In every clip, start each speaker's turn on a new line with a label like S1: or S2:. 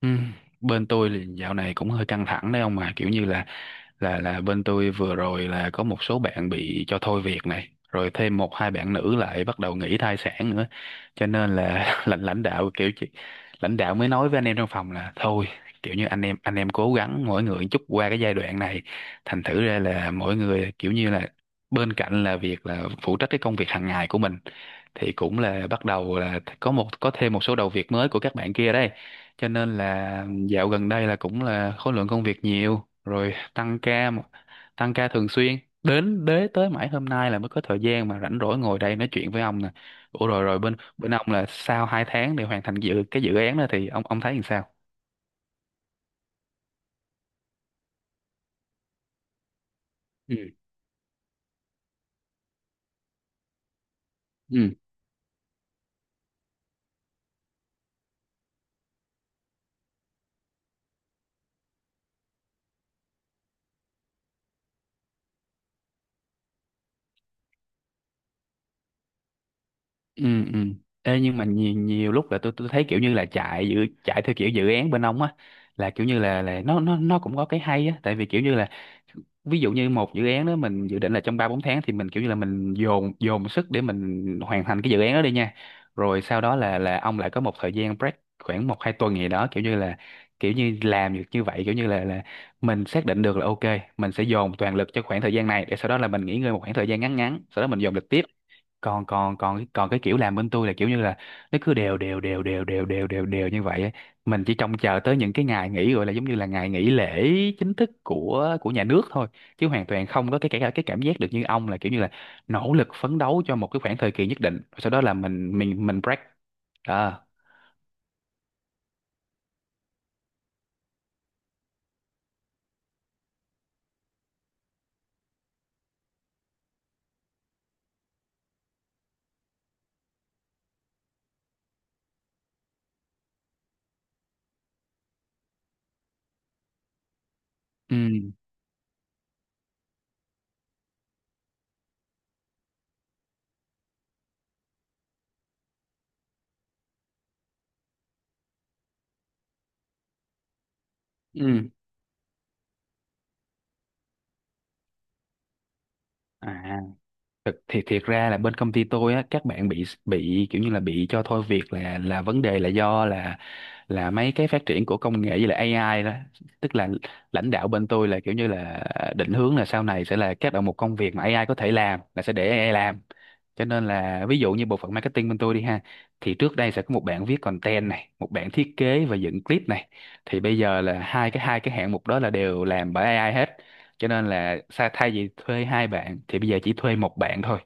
S1: Ừ. Bên tôi thì dạo này cũng hơi căng thẳng đấy ông, mà kiểu như là là bên tôi vừa rồi là có một số bạn bị cho thôi việc này, rồi thêm một hai bạn nữ lại bắt đầu nghỉ thai sản nữa, cho nên là lãnh lãnh đạo kiểu chị lãnh đạo mới nói với anh em trong phòng là thôi, kiểu như anh em cố gắng mỗi người chút qua cái giai đoạn này. Thành thử ra là mỗi người kiểu như là bên cạnh là việc là phụ trách cái công việc hàng ngày của mình, thì cũng là bắt đầu là có thêm một số đầu việc mới của các bạn kia đây, cho nên là dạo gần đây là cũng là khối lượng công việc nhiều, rồi tăng ca tăng ca thường xuyên đến tới mãi hôm nay là mới có thời gian mà rảnh rỗi ngồi đây nói chuyện với ông nè. Ủa, rồi rồi bên bên ông là sau hai tháng để hoàn thành cái dự án đó thì ông thấy làm sao? Ừ. ừ ừ ừ Ê, nhưng mà nhiều lúc là tôi thấy kiểu như là chạy theo kiểu dự án bên ông á, là kiểu như là nó cũng có cái hay á, tại vì kiểu như là ví dụ như một dự án đó mình dự định là trong ba bốn tháng, thì mình kiểu như là mình dồn dồn sức để mình hoàn thành cái dự án đó đi nha, rồi sau đó là ông lại có một thời gian break khoảng một hai tuần gì đó, kiểu như là kiểu như làm được như vậy kiểu như là mình xác định được là ok, mình sẽ dồn toàn lực cho khoảng thời gian này để sau đó là mình nghỉ ngơi một khoảng thời gian ngắn ngắn, sau đó mình dồn lực tiếp. Còn còn còn còn cái kiểu làm bên tôi là kiểu như là nó cứ đều đều đều đều đều đều đều đều như vậy ấy. Mình chỉ trông chờ tới những cái ngày nghỉ gọi là giống như là ngày nghỉ lễ chính thức của nhà nước thôi, chứ hoàn toàn không có cái cái cảm giác được như ông là kiểu như là nỗ lực phấn đấu cho một cái khoảng thời kỳ nhất định, sau đó là mình mình break. Đó. ừ. Ừ. À, thực thì thiệt ra là bên công ty tôi á, các bạn bị kiểu như là bị cho thôi việc là vấn đề là do là mấy cái phát triển của công nghệ với lại AI đó, tức là lãnh đạo bên tôi là kiểu như là định hướng là sau này sẽ là các đầu mục công việc mà AI có thể làm là sẽ để AI làm. Cho nên là ví dụ như bộ phận marketing bên tôi đi ha, thì trước đây sẽ có một bạn viết content này, một bạn thiết kế và dựng clip này, thì bây giờ là hai cái hạng mục đó là đều làm bởi AI hết, cho nên là thay vì thuê hai bạn thì bây giờ chỉ thuê một bạn thôi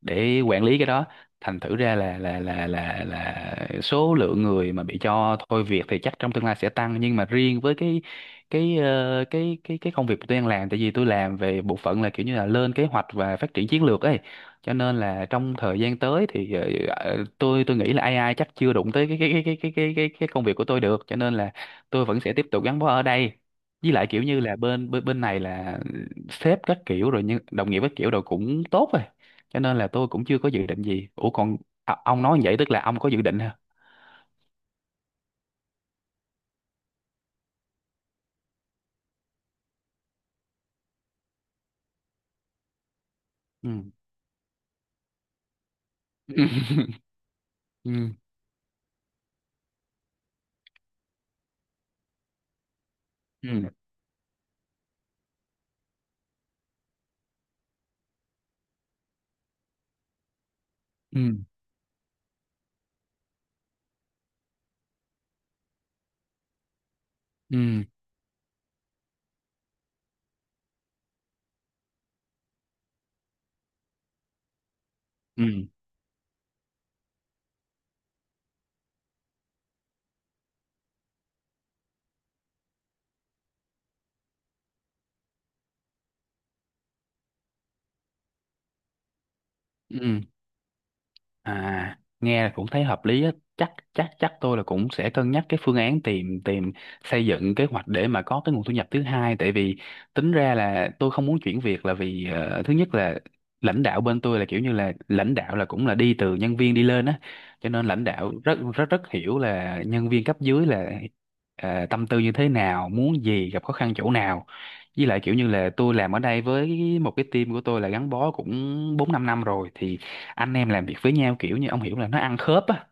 S1: để quản lý cái đó. Thành thử ra là số lượng người mà bị cho thôi việc thì chắc trong tương lai sẽ tăng, nhưng mà riêng với cái cái công việc tôi đang làm, tại vì tôi làm về bộ phận là kiểu như là lên kế hoạch và phát triển chiến lược ấy, cho nên là trong thời gian tới thì tôi nghĩ là AI chắc chưa đụng tới cái công việc của tôi được, cho nên là tôi vẫn sẽ tiếp tục gắn bó ở đây, với lại kiểu như là bên bên bên này là sếp các kiểu rồi, nhưng đồng nghiệp các kiểu rồi cũng tốt rồi, cho nên là tôi cũng chưa có dự định gì. Ủa còn, à, ông nói như vậy tức là ông có dự định hả? Ừ ừ ừ ừ ừ ừ, ừ. À, nghe là cũng thấy hợp lý á. Chắc chắc chắc tôi là cũng sẽ cân nhắc cái phương án tìm tìm xây dựng kế hoạch để mà có cái nguồn thu nhập thứ hai, tại vì tính ra là tôi không muốn chuyển việc là vì thứ nhất là lãnh đạo bên tôi là kiểu như là lãnh đạo là cũng là đi từ nhân viên đi lên á, cho nên lãnh đạo rất rất rất hiểu là nhân viên cấp dưới là tâm tư như thế nào, muốn gì, gặp khó khăn chỗ nào. Với lại kiểu như là tôi làm ở đây với một cái team của tôi là gắn bó cũng năm năm rồi, thì anh em làm việc với nhau kiểu như ông hiểu là nó ăn khớp á,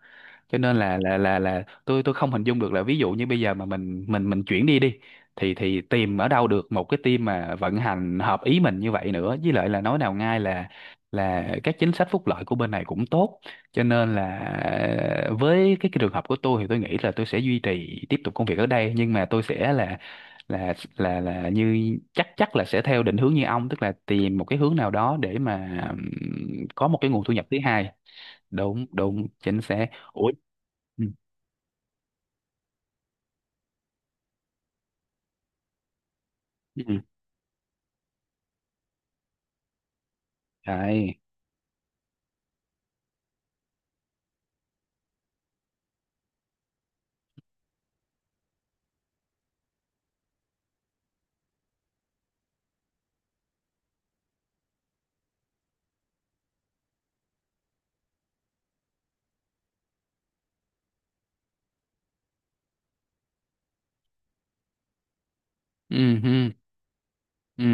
S1: cho nên là tôi không hình dung được là ví dụ như bây giờ mà mình mình chuyển đi đi thì tìm ở đâu được một cái team mà vận hành hợp ý mình như vậy nữa. Với lại là nói nào ngay là các chính sách phúc lợi của bên này cũng tốt, cho nên là với cái trường hợp của tôi thì tôi nghĩ là tôi sẽ duy trì tiếp tục công việc ở đây, nhưng mà tôi sẽ là là như chắc chắc là sẽ theo định hướng như ông, tức là tìm một cái hướng nào đó để mà có một cái nguồn thu nhập thứ hai. Đúng đúng, chính xác. Ủa. Ừ. ừ. Đấy. Ừ. ừ. Ừ.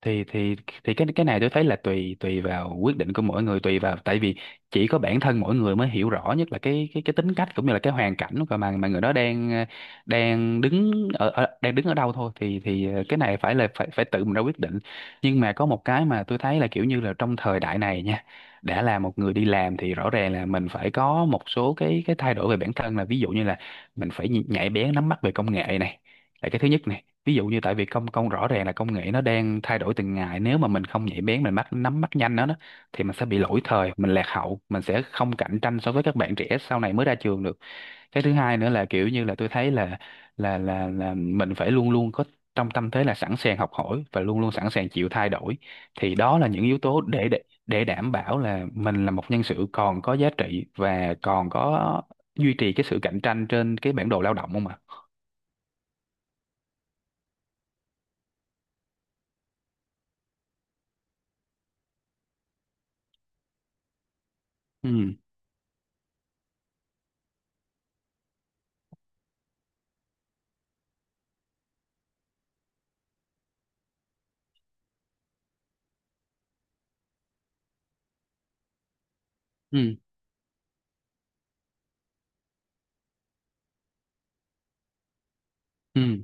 S1: Thì thì thì cái này tôi thấy là tùy tùy vào quyết định của mỗi người, tùy vào, tại vì chỉ có bản thân mỗi người mới hiểu rõ nhất là cái tính cách cũng như là cái hoàn cảnh của mà người đó đang đang đứng ở, đang đứng ở đâu thôi, thì cái này phải là phải phải tự mình ra quyết định. Nhưng mà có một cái mà tôi thấy là kiểu như là trong thời đại này nha, đã là một người đi làm thì rõ ràng là mình phải có một số cái thay đổi về bản thân, là ví dụ như là mình phải nhạy bén nắm bắt về công nghệ này, là cái thứ nhất này. Ví dụ như tại vì công công rõ ràng là công nghệ nó đang thay đổi từng ngày, nếu mà mình không nhạy bén, mình nắm bắt nhanh nó đó, thì mình sẽ bị lỗi thời, mình lạc hậu, mình sẽ không cạnh tranh so với các bạn trẻ sau này mới ra trường được. Cái thứ hai nữa là kiểu như là tôi thấy là mình phải luôn luôn có trong tâm thế là sẵn sàng học hỏi và luôn luôn sẵn sàng chịu thay đổi, thì đó là những yếu tố để đảm bảo là mình là một nhân sự còn có giá trị và còn có duy trì cái sự cạnh tranh trên cái bản đồ lao động, không ạ? ừ ừ ừ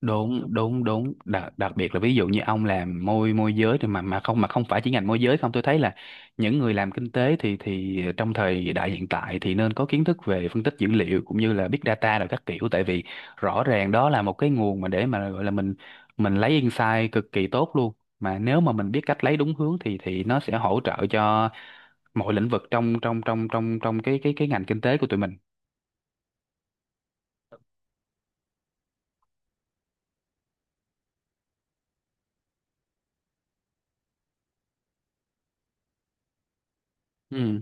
S1: Đúng đúng đúng, đặc biệt là ví dụ như ông làm môi môi giới thì mà không, mà không phải chỉ ngành môi giới không, tôi thấy là những người làm kinh tế thì trong thời đại hiện tại thì nên có kiến thức về phân tích dữ liệu cũng như là big data rồi các kiểu, tại vì rõ ràng đó là một cái nguồn mà để mà gọi là mình lấy insight cực kỳ tốt luôn. Mà nếu mà mình biết cách lấy đúng hướng thì nó sẽ hỗ trợ cho mọi lĩnh vực trong trong trong trong trong cái ngành kinh tế của tụi mình. ừ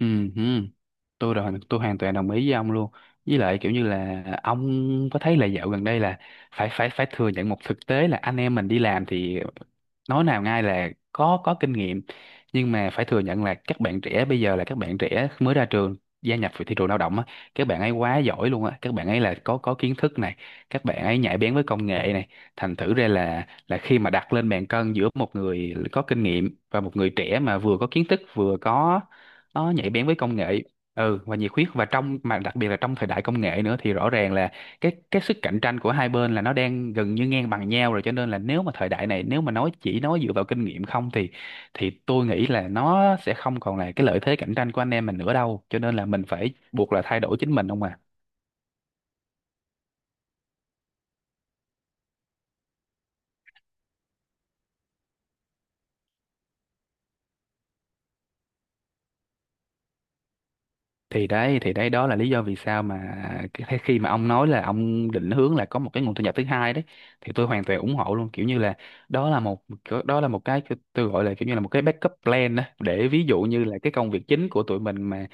S1: ừ ừ tôi tôi hoàn toàn đồng ý với ông luôn. Với lại kiểu như là ông có thấy là dạo gần đây là phải phải phải thừa nhận một thực tế là anh em mình đi làm thì nói nào ngay là có kinh nghiệm, nhưng mà phải thừa nhận là các bạn trẻ bây giờ là các bạn trẻ mới ra trường gia nhập vào thị trường lao động á, các bạn ấy quá giỏi luôn á, các bạn ấy là có kiến thức này, các bạn ấy nhạy bén với công nghệ này, thành thử ra là khi mà đặt lên bàn cân giữa một người có kinh nghiệm và một người trẻ mà vừa có kiến thức vừa có nó nhạy bén với công nghệ. Ừ, và nhiệt huyết, và trong mà đặc biệt là trong thời đại công nghệ nữa thì rõ ràng là cái sức cạnh tranh của hai bên là nó đang gần như ngang bằng nhau rồi, cho nên là nếu mà thời đại này nếu mà nói chỉ nói dựa vào kinh nghiệm không thì thì tôi nghĩ là nó sẽ không còn là cái lợi thế cạnh tranh của anh em mình nữa đâu, cho nên là mình phải buộc là thay đổi chính mình không à. Thì đấy, đó là lý do vì sao mà cái thế khi mà ông nói là ông định hướng là có một cái nguồn thu nhập thứ hai đấy thì tôi hoàn toàn ủng hộ luôn, kiểu như là đó là một, đó là một cái tôi gọi là kiểu như là một cái backup plan đó, để ví dụ như là cái công việc chính của tụi mình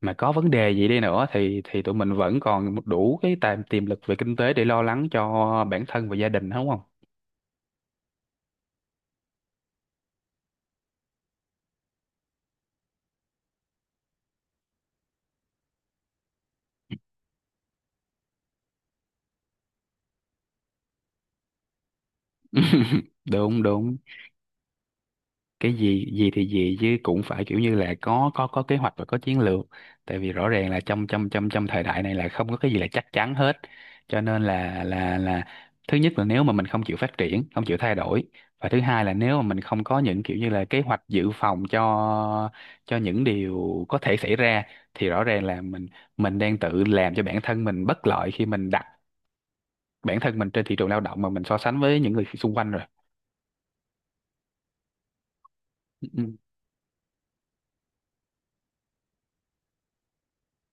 S1: mà có vấn đề gì đi nữa thì tụi mình vẫn còn một đủ cái tài tiềm lực về kinh tế để lo lắng cho bản thân và gia đình, đúng không? Đúng, đúng. Cái gì gì thì gì chứ cũng phải kiểu như là có kế hoạch và có chiến lược. Tại vì rõ ràng là trong trong trong trong thời đại này là không có cái gì là chắc chắn hết, cho nên là là thứ nhất là nếu mà mình không chịu phát triển không chịu thay đổi, và thứ hai là nếu mà mình không có những kiểu như là kế hoạch dự phòng cho những điều có thể xảy ra, thì rõ ràng là mình đang tự làm cho bản thân mình bất lợi khi mình đặt bản thân mình trên thị trường lao động mà mình so sánh với những người xung quanh rồi. Ừ, ừ.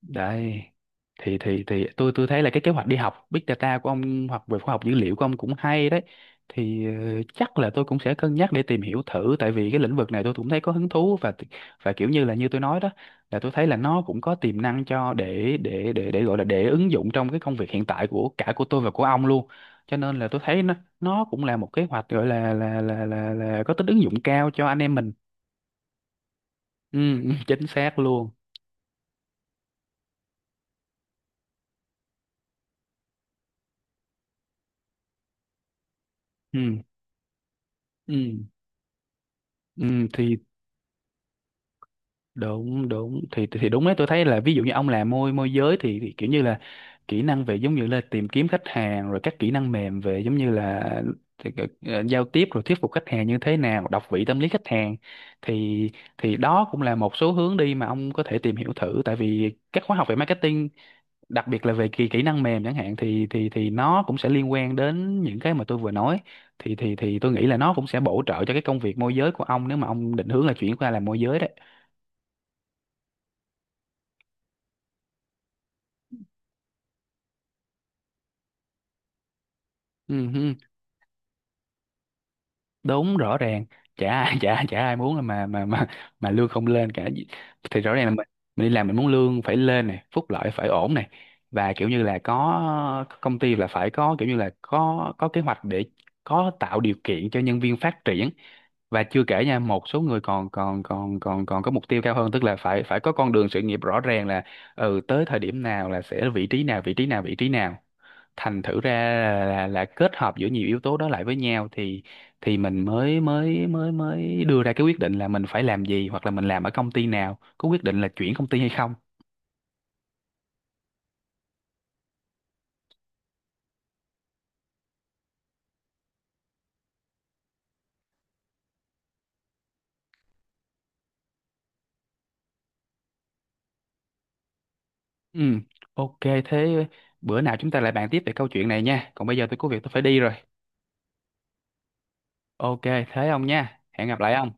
S1: Đấy. Thì tôi thấy là cái kế hoạch đi học Big Data của ông hoặc về khoa học dữ liệu của ông cũng hay đấy. Thì chắc là tôi cũng sẽ cân nhắc để tìm hiểu thử, tại vì cái lĩnh vực này tôi cũng thấy có hứng thú, và kiểu như là như tôi nói đó, là tôi thấy là nó cũng có tiềm năng cho để gọi là để ứng dụng trong cái công việc hiện tại của cả của tôi và của ông luôn. Cho nên là tôi thấy nó cũng là một kế hoạch gọi là có tính ứng dụng cao cho anh em mình. Ừ, chính xác luôn. Ừ. Ừ. Ừ, thì đúng đúng thì đúng đấy, tôi thấy là ví dụ như ông làm môi môi giới thì kiểu như là kỹ năng về giống như là tìm kiếm khách hàng rồi các kỹ năng mềm về giống như là thì cái- giao tiếp rồi thuyết phục khách hàng như thế nào, đọc vị tâm lý khách hàng, thì thì đó cũng là một số hướng đi mà ông có thể tìm hiểu thử, tại vì các khóa học về marketing đặc biệt là về kỹ kỹ năng mềm chẳng hạn thì thì nó cũng sẽ liên quan đến những cái mà tôi vừa nói, thì thì tôi nghĩ là nó cũng sẽ bổ trợ cho cái công việc môi giới của ông nếu mà ông định hướng là chuyển qua làm môi giới đấy. Ừ. Đúng, rõ ràng. Chả ai chả chả ai muốn mà lương không lên cả, thì rõ ràng là mình đi làm mình muốn lương phải lên này, phúc lợi phải ổn này, và kiểu như là có công ty là phải có kiểu như là có kế hoạch để có tạo điều kiện cho nhân viên phát triển. Và chưa kể nha, một số người còn còn còn còn còn có mục tiêu cao hơn, tức là phải phải có con đường sự nghiệp rõ ràng, là ừ tới thời điểm nào là sẽ vị trí nào, vị trí nào, vị trí nào. Thành thử ra là kết hợp giữa nhiều yếu tố đó lại với nhau thì mình mới mới mới mới đưa ra cái quyết định là mình phải làm gì, hoặc là mình làm ở công ty nào, có quyết định là chuyển công ty hay không. Ừ, ok. Thế bữa nào chúng ta lại bàn tiếp về câu chuyện này nha, còn bây giờ tôi có việc tôi phải đi rồi. Ok, thế ông nha, hẹn gặp lại ông.